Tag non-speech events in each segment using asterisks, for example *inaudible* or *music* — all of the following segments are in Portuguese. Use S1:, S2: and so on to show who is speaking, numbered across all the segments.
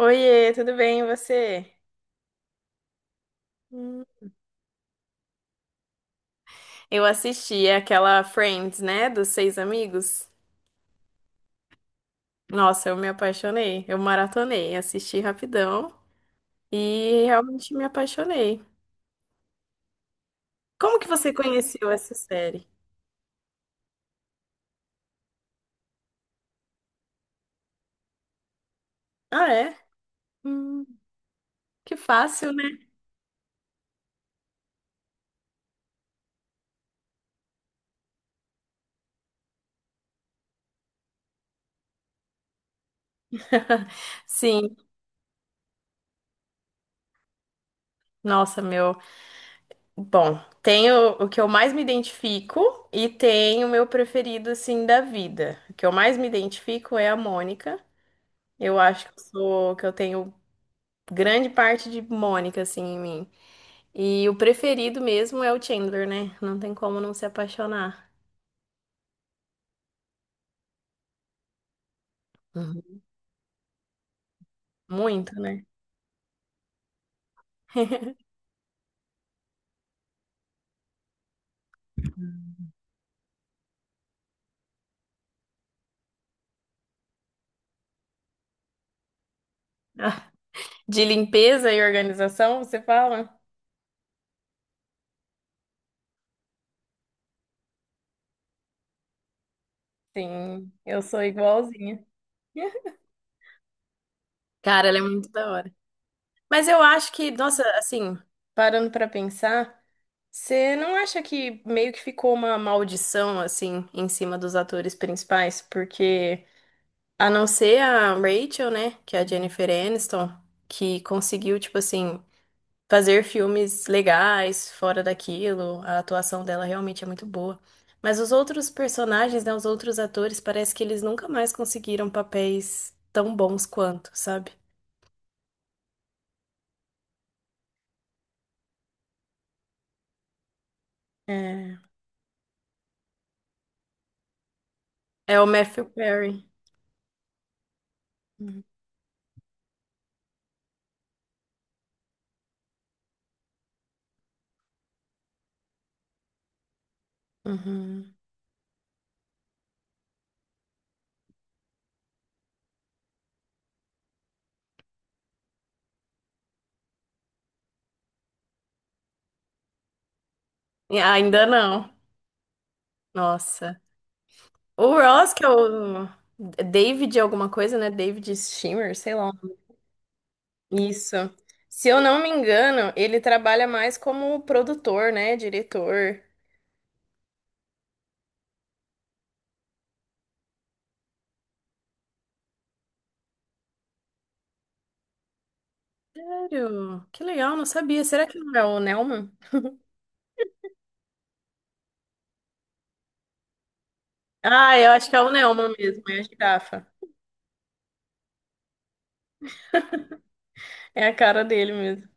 S1: Oiê, tudo bem, e você? Hum. Eu assisti aquela Friends, né, dos seis amigos. Nossa, eu me apaixonei, eu maratonei, assisti rapidão e realmente me apaixonei. Como que você conheceu essa série? Ah, é? Hum, que fácil, né? *laughs* Sim, nossa, meu. Bom, tem o que eu mais me identifico e tem o meu preferido, assim, da vida. O que eu mais me identifico é a Mônica. Eu acho que que eu tenho grande parte de Mônica, assim, em mim. E o preferido mesmo é o Chandler, né? Não tem como não se apaixonar. Uhum. Muito, né? *laughs* De limpeza e organização, você fala? Sim, eu sou igualzinha. *laughs* Cara, ela é muito da hora. Mas eu acho que, nossa, assim, parando pra pensar, você não acha que meio que ficou uma maldição, assim, em cima dos atores principais? Porque. A não ser a Rachel, né? Que é a Jennifer Aniston, que conseguiu, tipo assim, fazer filmes legais fora daquilo. A atuação dela realmente é muito boa. Mas os outros personagens, né? Os outros atores, parece que eles nunca mais conseguiram papéis tão bons quanto, sabe? É, é, o Matthew Perry. Uhum. Uhum. E ainda não. Nossa. O Ross, que é o David alguma coisa, né? David Schwimmer, sei lá. Isso. Se eu não me engano, ele trabalha mais como produtor, né? Diretor. Sério? Que legal, não sabia. Será que não é o Nelman? Ah, eu acho que é o Nelman mesmo, é a girafa. É a cara dele mesmo.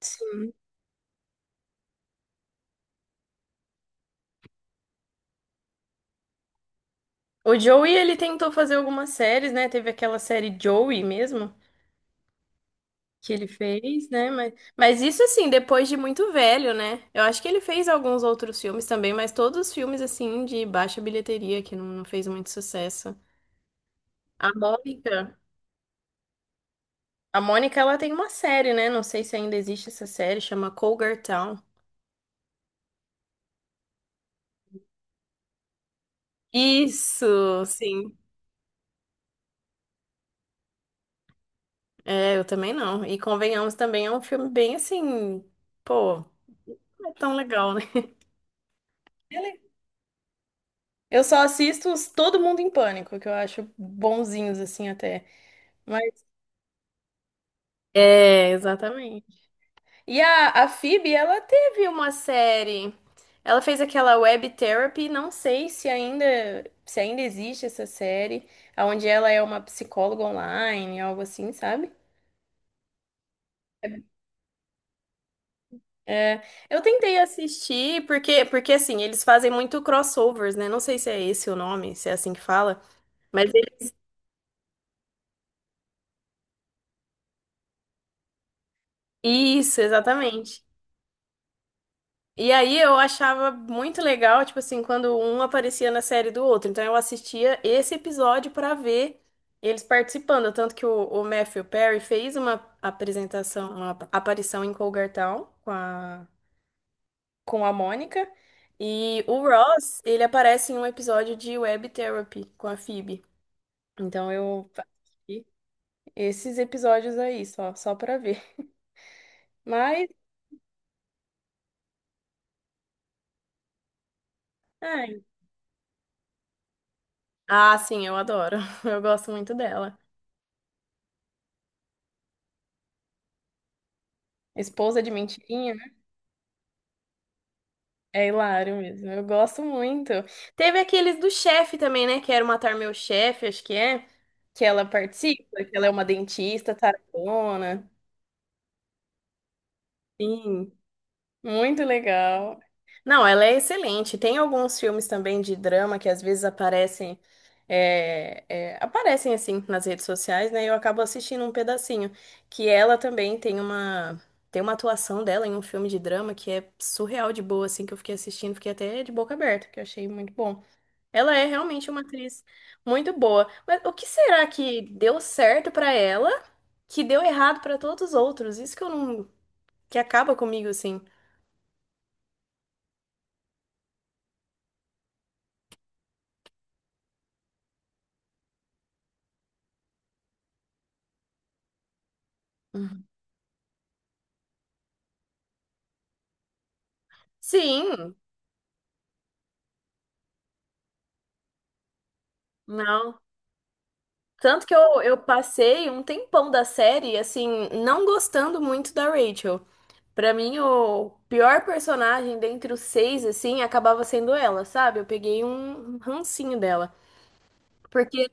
S1: Sim. O Joey, ele tentou fazer algumas séries, né? Teve aquela série Joey mesmo, que ele fez, né? Mas isso, assim, depois de muito velho, né? Eu acho que ele fez alguns outros filmes também, mas todos os filmes, assim, de baixa bilheteria, que não, não fez muito sucesso. A Mônica. A Mônica, ela tem uma série, né? Não sei se ainda existe essa série, chama Cougar Town. Isso, sim. É, eu também não. E convenhamos também, é um filme bem assim, pô, não é tão legal, né? É legal. Eu só assisto os Todo Mundo em Pânico, que eu acho bonzinhos assim até. Mas é, exatamente. E a Phoebe, ela teve uma série. Ela fez aquela Web Therapy, não sei se ainda, existe essa série, onde ela é uma psicóloga online, algo assim, sabe? É, eu tentei assistir, porque assim, eles fazem muito crossovers, né? Não sei se é esse o nome, se é assim que fala, mas ele- isso, exatamente. E aí eu achava muito legal, tipo assim, quando um aparecia na série do outro. Então eu assistia esse episódio pra ver eles participando. Tanto que o Matthew Perry fez uma apresentação, uma aparição em Cougartown com a Mônica. E o Ross, ele aparece em um episódio de Web Therapy com a Phoebe. Então eu assisti esses episódios aí, só pra ver. Mas, ai. Ah, sim, eu adoro. *laughs* Eu gosto muito dela. Esposa de mentirinha. É hilário mesmo, eu gosto muito. Teve aqueles do chefe também, né? Quero Matar Meu Chefe, acho que é. Que ela participa, que ela é uma dentista, tarabona. Sim. Muito legal. Não, ela é excelente. Tem alguns filmes também de drama que às vezes aparecem, aparecem assim nas redes sociais, né? E eu acabo assistindo um pedacinho. Que ela também tem uma atuação dela em um filme de drama que é surreal de boa, assim, que eu fiquei assistindo, fiquei até de boca aberta, que eu achei muito bom. Ela é realmente uma atriz muito boa. Mas o que será que deu certo pra ela, que deu errado pra todos os outros? Isso que eu não, que acaba comigo, assim. Sim, não. Tanto que eu passei um tempão da série, assim, não gostando muito da Rachel. Pra mim, o pior personagem dentre os seis, assim, acabava sendo ela, sabe? Eu peguei um rancinho dela. Porque,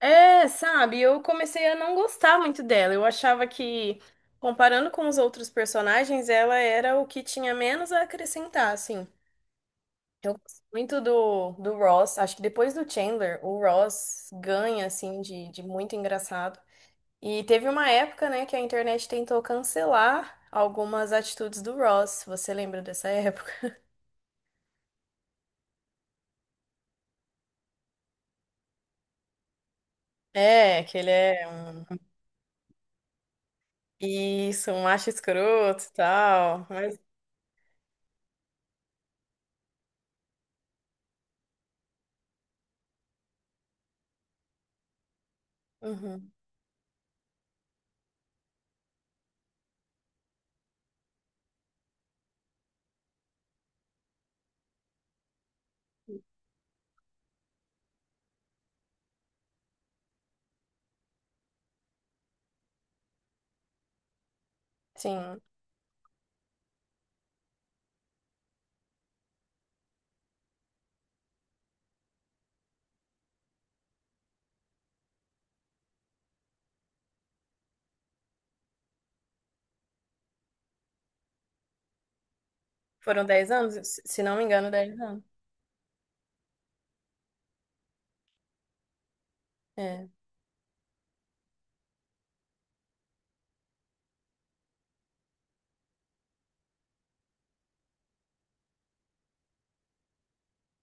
S1: é, sabe, eu comecei a não gostar muito dela. Eu achava que, comparando com os outros personagens, ela era o que tinha menos a acrescentar, assim. Eu gosto muito do, do Ross. Acho que depois do Chandler, o Ross ganha, assim, de muito engraçado. E teve uma época, né, que a internet tentou cancelar algumas atitudes do Ross. Você lembra dessa *laughs* época? É, que ele é um... Isso, um macho escroto e tal. Mas, uhum, sim. Foram 10 anos? Se não me engano, 10 anos. É.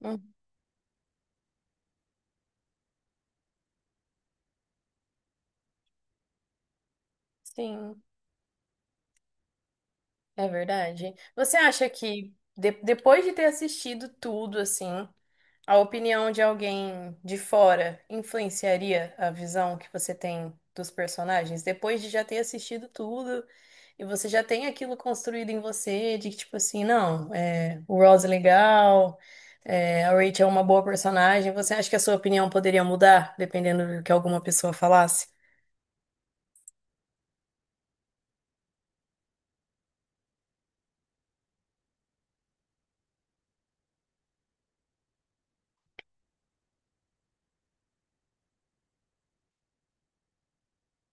S1: Uhum, sim, é verdade. Você acha que, depois de ter assistido tudo, assim... A opinião de alguém de fora influenciaria a visão que você tem dos personagens depois de já ter assistido tudo e você já tem aquilo construído em você de que, tipo assim, não, é, o Ross é legal, é, a Rachel é uma boa personagem. Você acha que a sua opinião poderia mudar dependendo do que alguma pessoa falasse?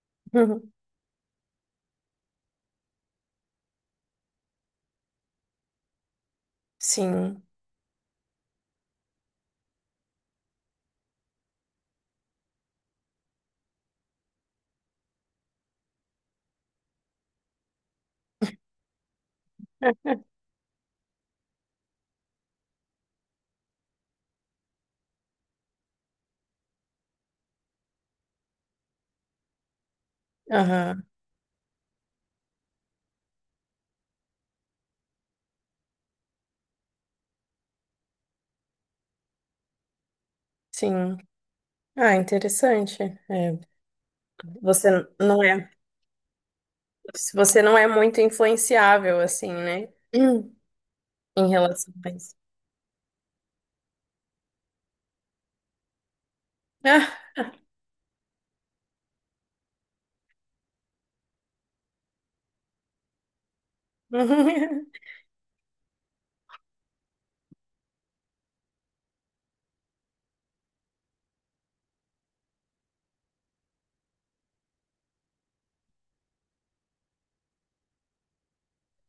S1: *laughs* Uhum. Sim. Aham, sim. Ah, interessante. É, você não é, você não é muito influenciável, assim, né? em relação a isso. Ah, *laughs*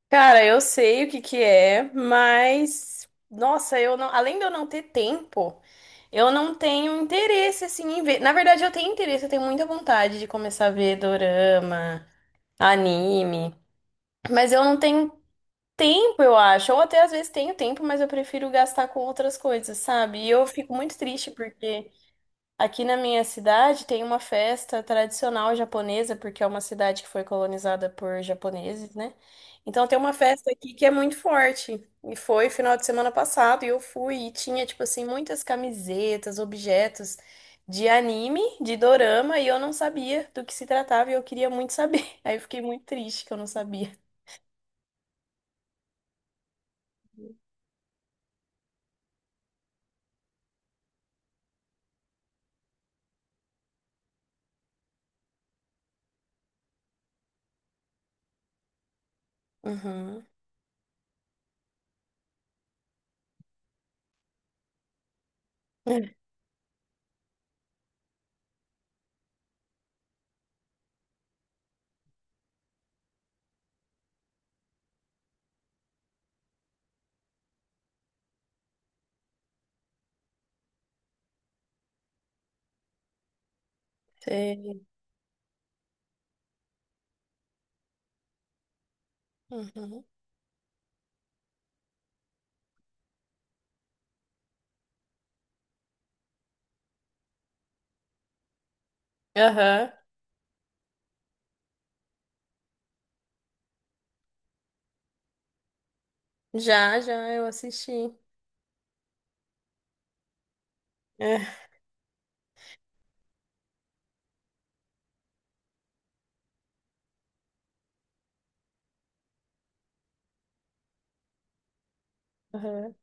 S1: Cara, eu sei o que que é, mas nossa, eu não, além de eu não ter tempo, eu não tenho interesse assim em ver. Na verdade, eu tenho interesse, eu, tenho muita vontade de começar a ver dorama, anime, mas eu não tenho tempo, eu acho. Ou até às vezes tenho tempo, mas eu prefiro gastar com outras coisas, sabe? E eu fico muito triste porque aqui na minha cidade tem uma festa tradicional japonesa, porque é uma cidade que foi colonizada por japoneses, né? Então tem uma festa aqui que é muito forte. E foi final de semana passado e eu fui e tinha, tipo assim, muitas camisetas, objetos de anime, de dorama, e eu não sabia do que se tratava e eu queria muito saber. *laughs* Aí eu fiquei muito triste que eu não sabia. Uhum. *laughs* Sei. Uhum. Aham. Já, já, eu assisti. É. Aham.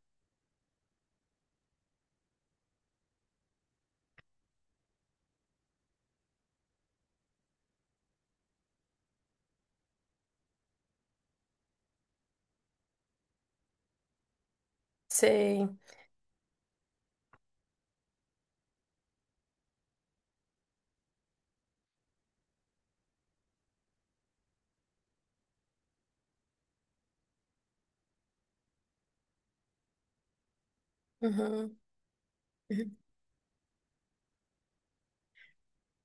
S1: Sei. Uhum.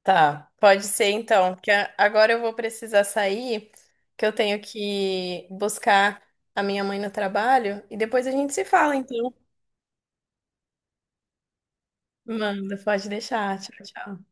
S1: Tá, pode ser então, porque agora eu vou precisar sair, que eu tenho que buscar a minha mãe no trabalho e depois a gente se fala, então. Manda, pode deixar. Tchau, tchau.